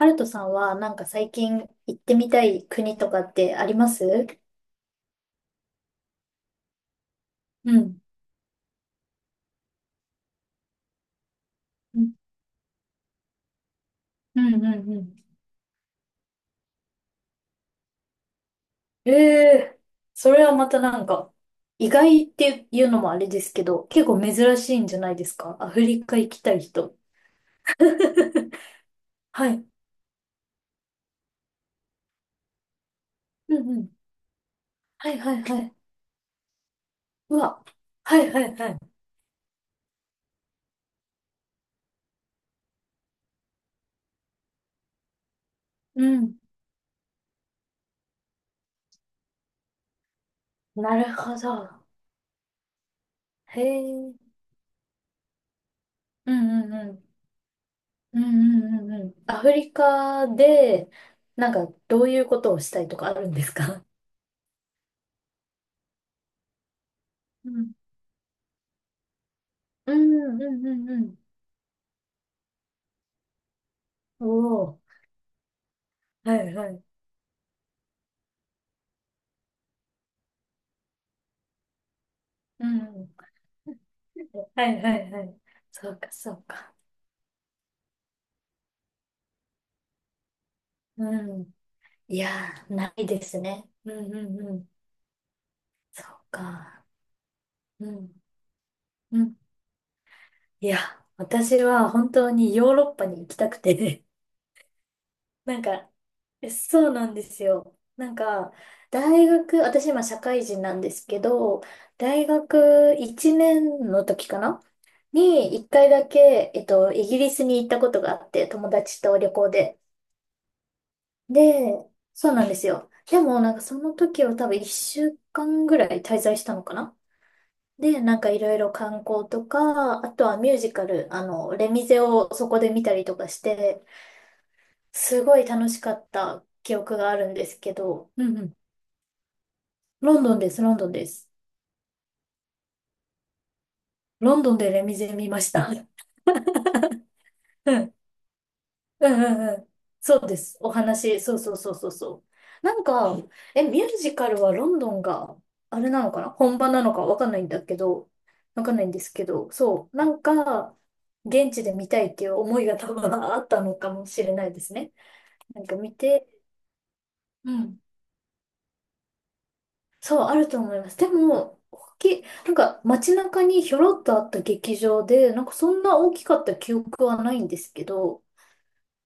ハルトさんはなんか最近行ってみたい国とかってあります？うん。うんうんうんうん。ええ。それはまたなんか、意外っていうのもあれですけど、結構珍しいんじゃないですか？アフリカ行きたい人。はい。うんうん。はいはいはい。うわ、はいはいはい。うん。なるほど。へえ。うんうんうん。うんうんうんうん。アフリカで、なんかどういうことをしたいとかあるんですか？うんうんうんうん。おお、はいはい。うんうんはいはいはい。そうかそうか。うん。いやー、ないですね。うんうんうん。そうか。うんうん。いや、私は本当にヨーロッパに行きたくて、なんか、そうなんですよ。なんか、大学、私今社会人なんですけど、大学1年の時かなに、一回だけ、イギリスに行ったことがあって、友達と旅行で。で、そうなんですよ。でも、なんかその時は多分1週間ぐらい滞在したのかな。で、なんかいろいろ観光とか、あとはミュージカル、レミゼをそこで見たりとかして、すごい楽しかった記憶があるんですけど、うんうん。ロンドンです、ロンドンです。ロンドンでレミゼ見ました。うん、うん、うんうん。そうです。お話、そうそうそうそうそう。なんか、ミュージカルはロンドンが、あれなのかな、本場なのかわかんないんだけど、わかんないんですけど、そう、なんか、現地で見たいっていう思いが多分あったのかもしれないですね。なんか見て、うん。そう、あると思います。でも、大きい、なんか街中にひょろっとあった劇場で、なんかそんな大きかった記憶はないんですけど、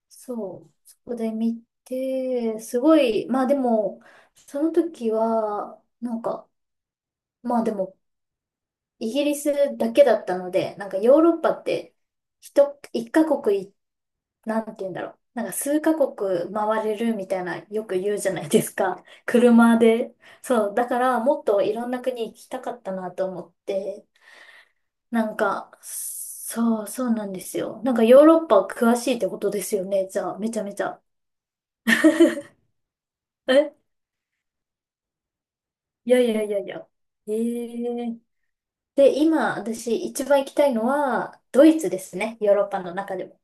そう、そこで見て、すごい、まあでも、その時は、なんか、まあでも、イギリスだけだったので、なんかヨーロッパって、一カ国、なんて言うんだろう。なんか数カ国回れるみたいな、よく言うじゃないですか。車で。そう。だから、もっといろんな国行きたかったなと思って。なんか、そう、そうなんですよ。なんかヨーロッパ詳しいってことですよね。じゃあ、めちゃめちゃ。えいやいやいやいや。ええ。で、今、私一番行きたいのは、ドイツですね。ヨーロッパの中でも。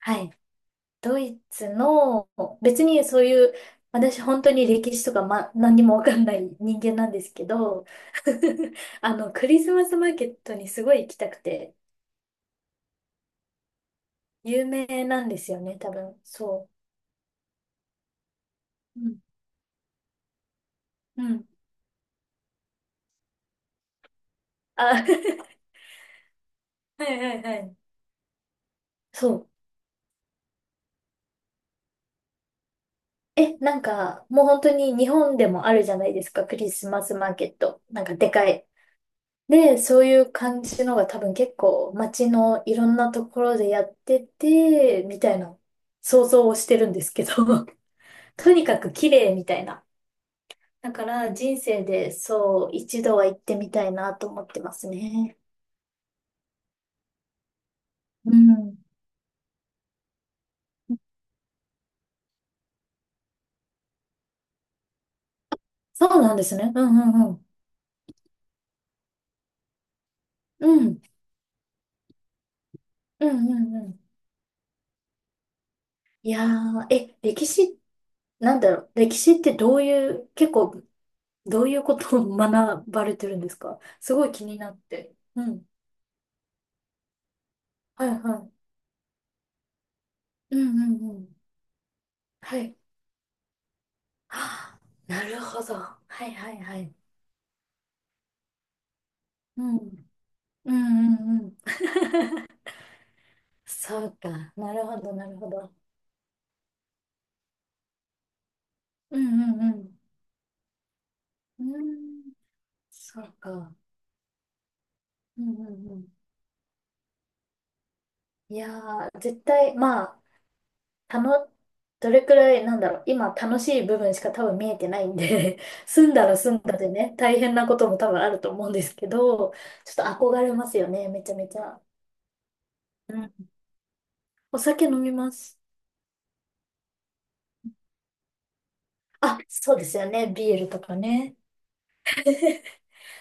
はい。ドイツの、別にそういう、私本当に歴史とか、ま、何にもわかんない人間なんですけど、クリスマスマーケットにすごい行きたくて、有名なんですよね、多分。そう。うん。うん。あ、はいはいはい。そう。なんか、もう本当に日本でもあるじゃないですか、クリスマスマーケット。なんかでかい。で、そういう感じのが多分結構街のいろんなところでやってて、みたいな想像をしてるんですけど、とにかく綺麗みたいな。だから人生でそう一度は行ってみたいなと思ってますね。うん。そうなんですね。うんうんうん。うん。うんうんうん。いやー、歴史、なんだろう。歴史ってどういう、結構どういうことを学ばれてるんですか？すごい気になって。うん。はいはい。うんうんうん。はい。あ、なるほど。はいはいはい。うん。うんうんうん。そうか。なるほど、なるほど。うんうんうん。うん。そうか。うんうんうん。いやー、絶対、まあ、たの、どれくらい、なんだろう、今楽しい部分しか多分見えてないんで 住んだら住んだでね、大変なことも多分あると思うんですけど、ちょっと憧れますよね、めちゃめちゃ。うん。お酒飲みます。あ、そうですよね、ビールとかね。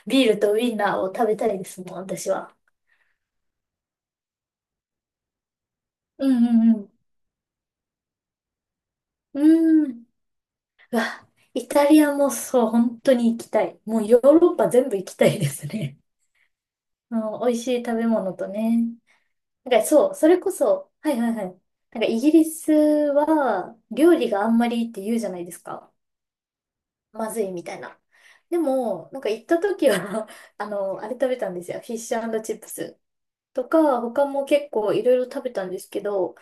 ビールとウインナーを食べたいですもん、私は。うんうんうん。うーん。うわ、イタリアもそう、本当に行きたい。もうヨーロッパ全部行きたいですね。うん、美味しい食べ物とね。なんかそう、それこそ、はいはいはい。なんかイギリスは料理があんまりって言うじゃないですか。まずいみたいな。でも、なんか行った時は あれ食べたんですよ。フィッシュチップスとか、他も結構いろいろ食べたんですけど、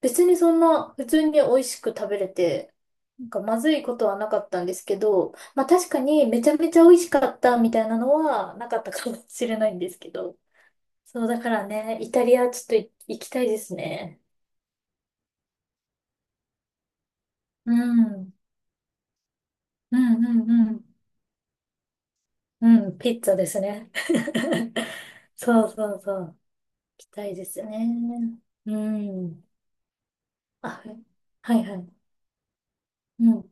別にそんな普通に美味しく食べれて、なんかまずいことはなかったんですけど、まあ確かにめちゃめちゃ美味しかったみたいなのはなかったかもしれないんですけど。そうだからね、イタリアちょっと行きたいですね。うん。うんうんうん。うん、ピッツァですね。そうそうそう。行きたいですね。うん。あ、はいはい。うん。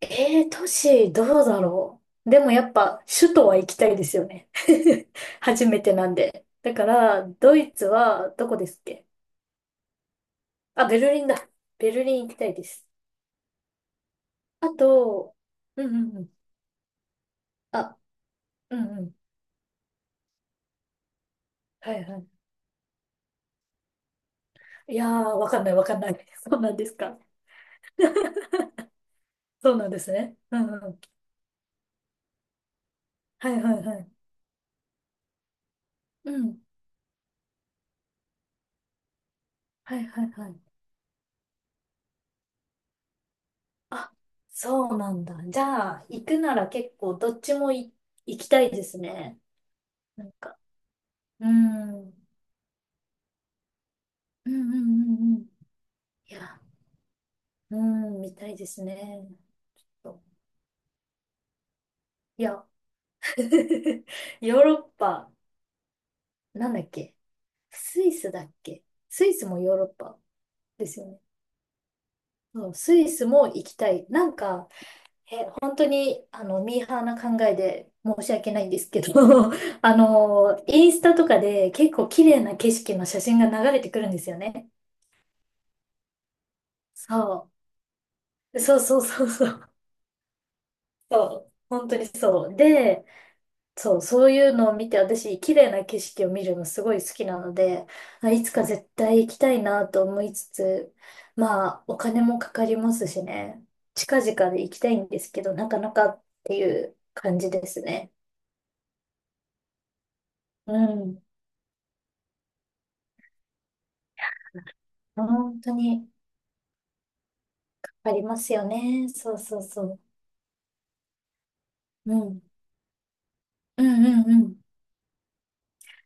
都市どうだろう。でもやっぱ首都は行きたいですよね。初めてなんで。だから、ドイツはどこですっけ？あ、ベルリンだ。ベルリン行きたいです。あと、うんうんうん。あ、うんうん。はいはい。いやー、わかんないわかんない。そうなんですか。そうなんですね。うんうん。はいはいはい。うん。はいはいはい。あ、そうなんだ。じゃあ、行くなら結構どっちも行きたいですね。なんか。うん。うんうんうんうん。いや、うん、みたいですね。いや、ヨーロッパ、なんだっけ？スイスだっけ？スイスもヨーロッパですよね。そうスイスも行きたい。なんか、本当に、ミーハーな考えで申し訳ないんですけど、インスタとかで結構綺麗な景色の写真が流れてくるんですよね。そう。そうそうそうそう。そう。本当にそう。で、そう、そういうのを見て、私、綺麗な景色を見るのすごい好きなので、あいつか絶対行きたいなと思いつつ、まあ、お金もかかりますしね、近々で行きたいんですけど、なかなかっていう感じですね。うん。本当にありますよね。そうそうそう。うん。うんうんうん。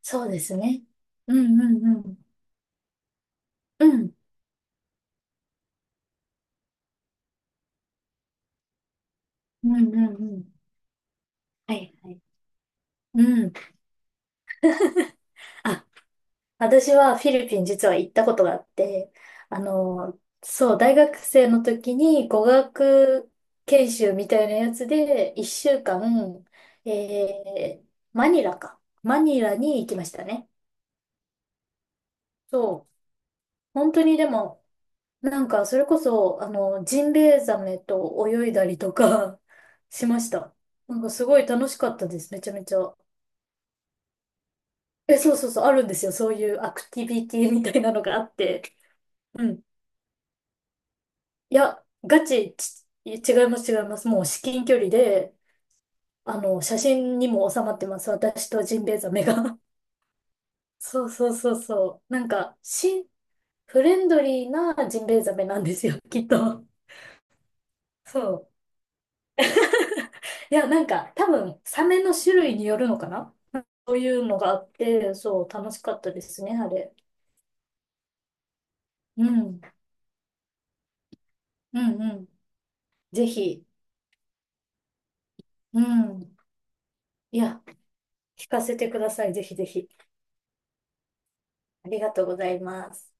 そうですね。うんうんうん。うん。うんうんうん。はいはい。うん。あ、私はフィリピン実は行ったことがあって、そう、大学生の時に語学研修みたいなやつで、1週間、えー、マニラか。マニラに行きましたね。そう。本当にでも、なんか、それこそ、ジンベエザメと泳いだりとか しました。なんか、すごい楽しかったです。めちゃめちゃ。え、そうそうそう、あるんですよ。そういうアクティビティみたいなのがあって。うん、いや、ガチ、違います違います。もう至近距離で、写真にも収まってます。私とジンベエザメが。そうそうそうそう。なんか、フレンドリーなジンベエザメなんですよ、きっと。そう。いや、なんか、多分、サメの種類によるのかな？そういうのがあって、そう、楽しかったですね、あれ。うん。うんうん。ぜひ。うん。いや、聞かせてください。ぜひぜひ。ありがとうございます。